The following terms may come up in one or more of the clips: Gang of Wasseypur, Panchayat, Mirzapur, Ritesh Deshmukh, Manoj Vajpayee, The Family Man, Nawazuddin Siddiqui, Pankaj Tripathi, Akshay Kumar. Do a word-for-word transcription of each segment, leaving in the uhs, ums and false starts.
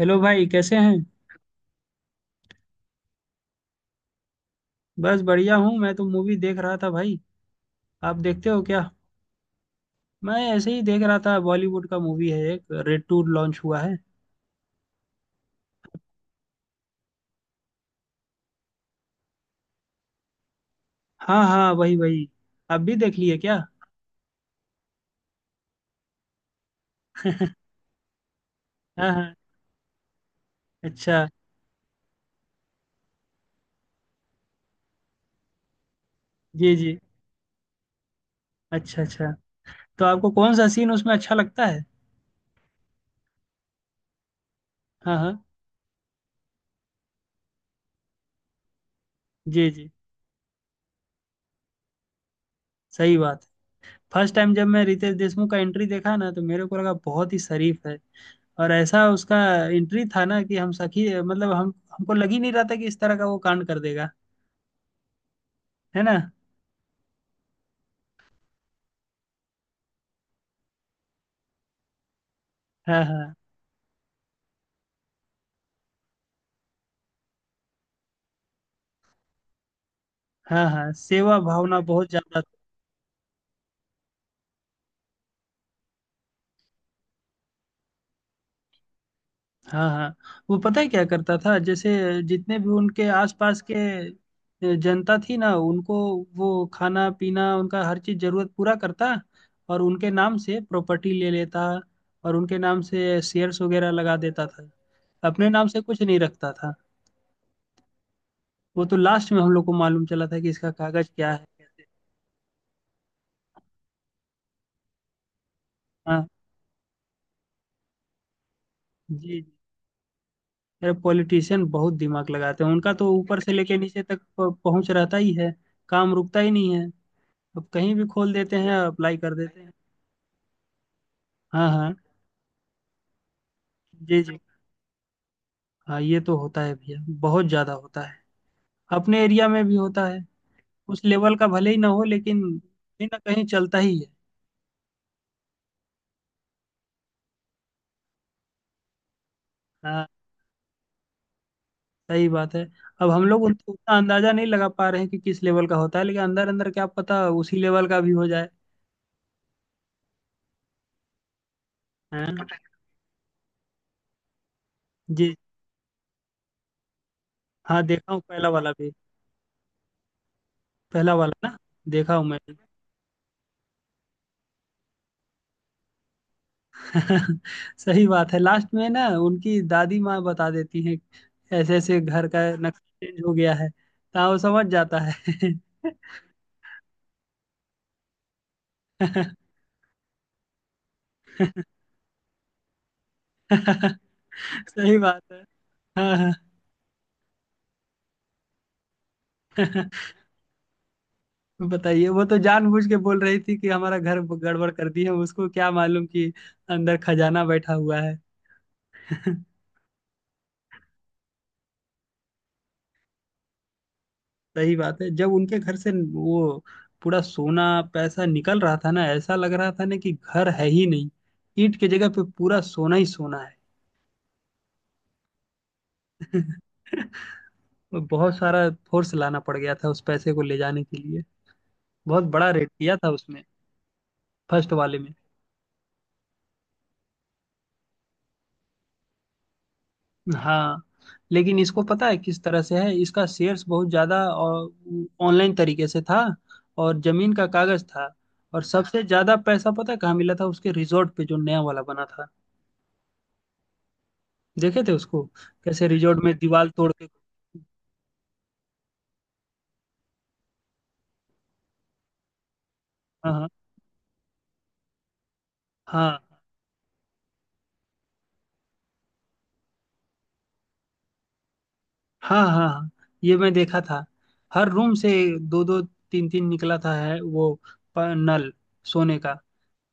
Hello भाई, कैसे हैं। बस बढ़िया हूँ, मैं तो मूवी देख रहा था भाई। आप देखते हो क्या। मैं ऐसे ही देख रहा था, बॉलीवुड का मूवी है, एक रेड टू लॉन्च हुआ है। हाँ हाँ, वही वही। आप भी देख लिए क्या। हाँ हाँ। अच्छा। जी जी। अच्छा अच्छा। तो आपको कौन सा सीन उसमें अच्छा लगता है। हाँ हाँ। जी जी। सही बात है। फर्स्ट टाइम जब मैं रितेश देशमुख का एंट्री देखा ना तो मेरे को लगा बहुत ही शरीफ है। और ऐसा उसका एंट्री था ना कि हम सखी मतलब हम हमको लग ही नहीं रहा था कि इस तरह का वो कांड कर देगा। है ना। हाँ हाँ। हाँ हाँ, सेवा भावना बहुत ज्यादा। हाँ हाँ। वो पता है क्या करता था, जैसे जितने भी उनके आसपास के अ, जनता थी ना उनको, वो खाना पीना उनका हर चीज जरूरत पूरा करता। और उनके नाम से प्रॉपर्टी ले लेता, और उनके नाम से शेयर्स वगैरह लगा देता था। अपने नाम से कुछ नहीं रखता था। वो तो लास्ट में हम लोग को मालूम चला था कि इसका कागज क्या है, कैसे। हाँ। जी। यार पॉलिटिशियन बहुत दिमाग लगाते हैं, उनका तो ऊपर से लेके नीचे तक प- पहुंच रहता ही है। काम रुकता ही नहीं है। अब कहीं भी खोल देते हैं, अप्लाई कर देते हैं। हाँ हाँ। जी जी। हाँ, ये तो होता है भैया, बहुत ज्यादा होता है। अपने एरिया में भी होता है। उस लेवल का भले ही ना हो, लेकिन कहीं ना कहीं चलता ही है। हाँ, सही बात है। अब हम लोग उत- उतना अंदाजा नहीं लगा पा रहे हैं कि किस लेवल का होता है, लेकिन अंदर अंदर क्या पता उसी लेवल का भी हो जाए। हाँ। जी। हाँ, देखा हूँ पहला वाला भी। पहला वाला ना। देखा हूँ मैं। सही बात है, लास्ट में ना उनकी दादी माँ बता देती है, ऐसे ऐसे घर का नक्शा चेंज हो गया है, तो वो समझ जाता है। सही बात है। हाँ हाँ। बताइए, वो तो जानबूझ के बोल रही थी कि हमारा घर गड़बड़ कर दी है, उसको क्या मालूम कि अंदर खजाना बैठा हुआ है। सही बात है, जब उनके घर से वो पूरा सोना पैसा निकल रहा था ना, ऐसा लग रहा था ना कि घर है ही नहीं। ईंट की जगह पे पूरा सोना ही सोना है। बहुत सारा फोर्स लाना पड़ गया था उस पैसे को ले जाने के लिए। बहुत बड़ा रेट किया था उसमें। फर्स्ट वाले में। हाँ, लेकिन इसको पता है किस तरह से है, इसका शेयर्स बहुत ज्यादा और ऑनलाइन तरीके से था, और जमीन का कागज था। और सबसे ज्यादा पैसा पता है कहाँ मिला था, उसके रिजॉर्ट पे जो नया वाला बना था। देखे थे उसको, कैसे रिजॉर्ट में दीवार तोड़ के। हाँ हाँ हाँ। हाँ हाँ हाँ, ये मैं देखा था, हर रूम से दो दो तीन तीन निकला था, है वो प- नल, सोने का।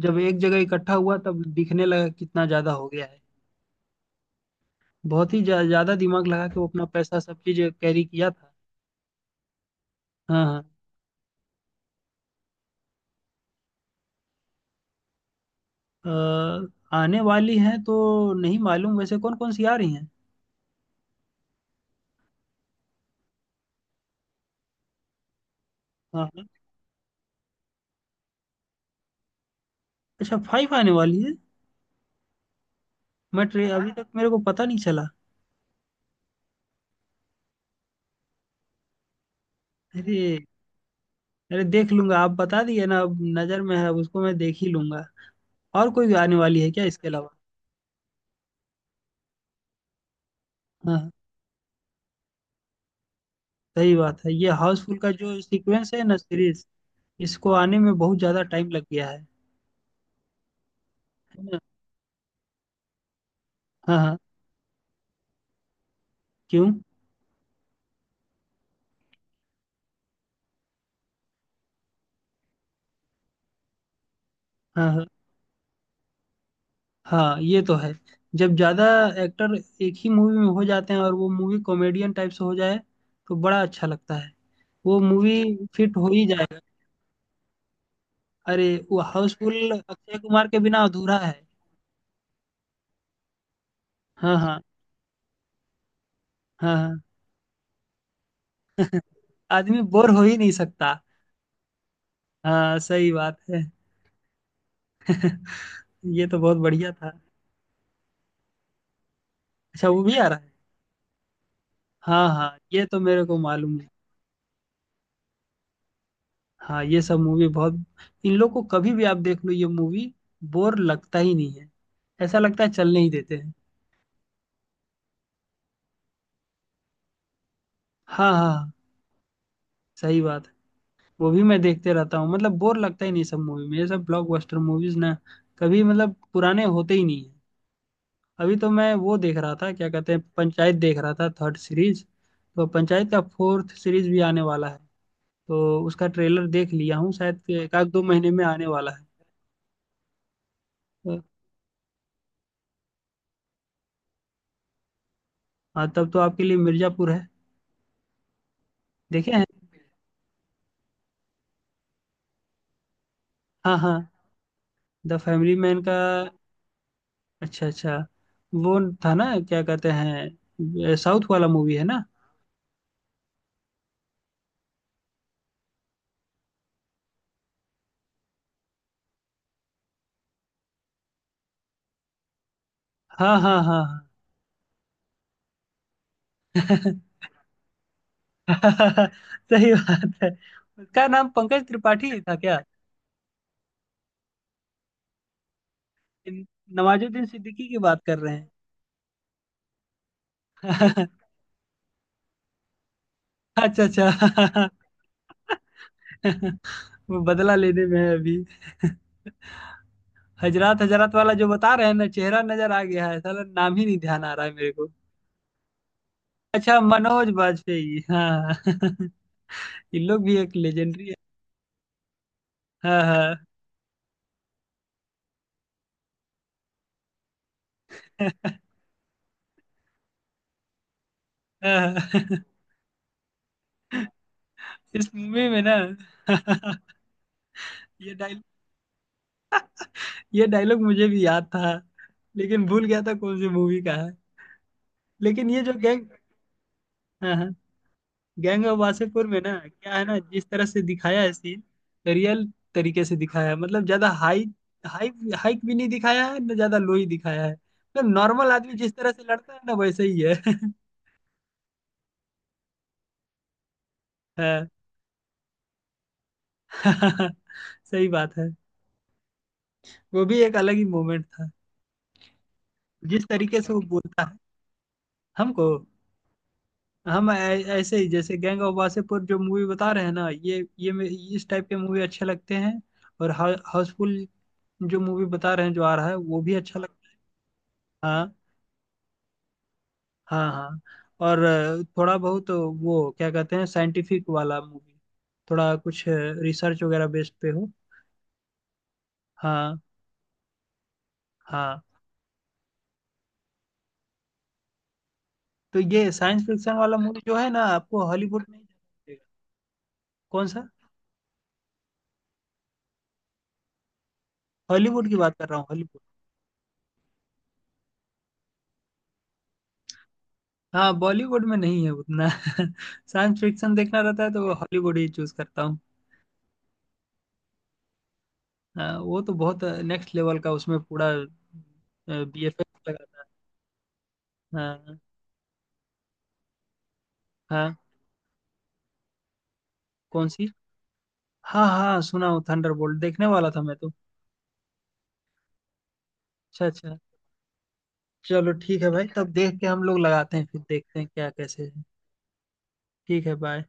जब एक जगह इकट्ठा हुआ तब दिखने लगा कितना ज्यादा हो गया है। बहुत ही ज्या- ज्यादा दिमाग लगा के वो अपना पैसा सब चीज कैरी किया था। हाँ हाँ। अ, आने वाली है तो नहीं मालूम, वैसे कौन कौन सी आ रही हैं। हाँ हाँ। अच्छा फाइव आने वाली है। मैं ट्रे अभी तक मेरे को पता नहीं चला। अरे। अरे देख लूंगा, आप बता दिए ना, अब नजर में है, अब उसको मैं देख ही लूंगा। और कोई आने वाली है क्या इसके अलावा। हाँ, सही बात है, ये हाउसफुल का जो सीक्वेंस है ना सीरीज, इसको आने में बहुत ज्यादा टाइम लग गया है। है ना। हाँ हाँ। क्यों। हाँ हाँ। हाँ ये तो है। जब ज्यादा एक्टर एक ही मूवी में हो जाते हैं और वो मूवी कॉमेडियन टाइप से हो जाए, तो बड़ा अच्छा लगता है वो मूवी। फिट हो ही जाएगा। अरे वो हाउसफुल अक्षय कुमार के बिना अधूरा है। हाँ हाँ। हाँ हाँ। आदमी बोर हो ही नहीं सकता। हाँ सही बात है। ये तो बहुत बढ़िया था। अच्छा वो भी आ रहा है। हाँ हाँ, ये तो मेरे को मालूम। हाँ, ये सब मूवी बहुत, इन लोग को कभी भी आप देख लो ये मूवी, बोर लगता ही नहीं है। ऐसा लगता है चलने ही देते हैं। हाँ हाँ। सही बात है। वो भी मैं देखते रहता हूँ, मतलब बोर लगता ही नहीं सब मूवी में, ये सब ब्लॉकबस्टर मूवीज ना कभी मतलब पुराने होते ही नहीं है। अभी तो मैं वो देख रहा था क्या कहते हैं, पंचायत देख रहा था थर्ड सीरीज। तो पंचायत का फोर्थ सीरीज भी आने वाला है। तो उसका ट्रेलर देख लिया हूँ, शायद एक आध दो महीने में आने वाला है। तो। हाँ तब तो आपके लिए मिर्जापुर है। देखे हैं। हाँ हाँ। द फैमिली मैन का। अच्छा अच्छा। वो था ना क्या कहते हैं, साउथ वाला मूवी है ना। हाँ हाँ हाँ। हाँ। सही बात है। उसका नाम पंकज त्रिपाठी था क्या। इन- नवाजुद्दीन सिद्दीकी की बात कर रहे हैं। अच्छा अच्छा। वो बदला लेने में है अभी। हजरत हजरत वाला जो बता रहे हैं ना, चेहरा नजर आ गया है, साला नाम ही नहीं ध्यान आ रहा है मेरे को। अच्छा मनोज वाजपेयी, हाँ। इन लोग भी एक लेजेंडरी। हाँ हाँ हाँ, इस मूवी में ना। ये डायल ये डायलॉग मुझे भी याद था, लेकिन भूल गया था कौन सी मूवी का है। लेकिन ये जो गैंग, हाँ हाँ, गैंग ऑफ वासेपुर में ना क्या है ना, जिस तरह से दिखाया है सीन, रियल तरीके से दिखाया है, मतलब ज्यादा हाई, हाई हाइक भी नहीं दिखाया है ना, ज्यादा लो ही दिखाया है, मतलब नॉर्मल आदमी जिस तरह से लड़ता है ना वैसे ही है। हाँ। सही बात है। वो भी एक अलग ही मोमेंट था, जिस तरीके से वो बोलता है। हमको, हम ऐ- ऐसे ही जैसे गैंग ऑफ वासेपुर जो मूवी बता रहे हैं ना, ये ये मे- इस टाइप के मूवी अच्छे लगते हैं। और हाउसफुल जो मूवी बता रहे हैं जो आ रहा है वो भी अच्छा लगता है। हाँ हाँ। हाँ और अ, थोड़ा बहुत वो क्या कहते हैं साइंटिफिक वाला मूवी, थोड़ा कुछ रिसर्च वगैरह बेस्ड पे हो। हाँ हाँ। तो ये साइंस फिक्शन वाला मूवी जो है ना, आपको हॉलीवुड नहीं जाना पड़ेगा। कौन सा। हॉलीवुड की बात कर रहा हूँ। हाँ बॉलीवुड में नहीं है उतना, साइंस फिक्शन देखना रहता है तो वो हॉलीवुड ही चूज करता हूँ। हाँ, वो तो बहुत नेक्स्ट लेवल का, उसमें पूरा बी एफ एक्स लगाता है। हाँ हाँ। कौन सी। हाँ हाँ सुना हूँ, थंडरबोल्ट देखने वाला था मैं तो। अच्छा अच्छा। चलो ठीक है भाई, तब देख के हम लोग लगाते हैं, फिर देखते हैं क्या कैसे है। ठीक है, बाय।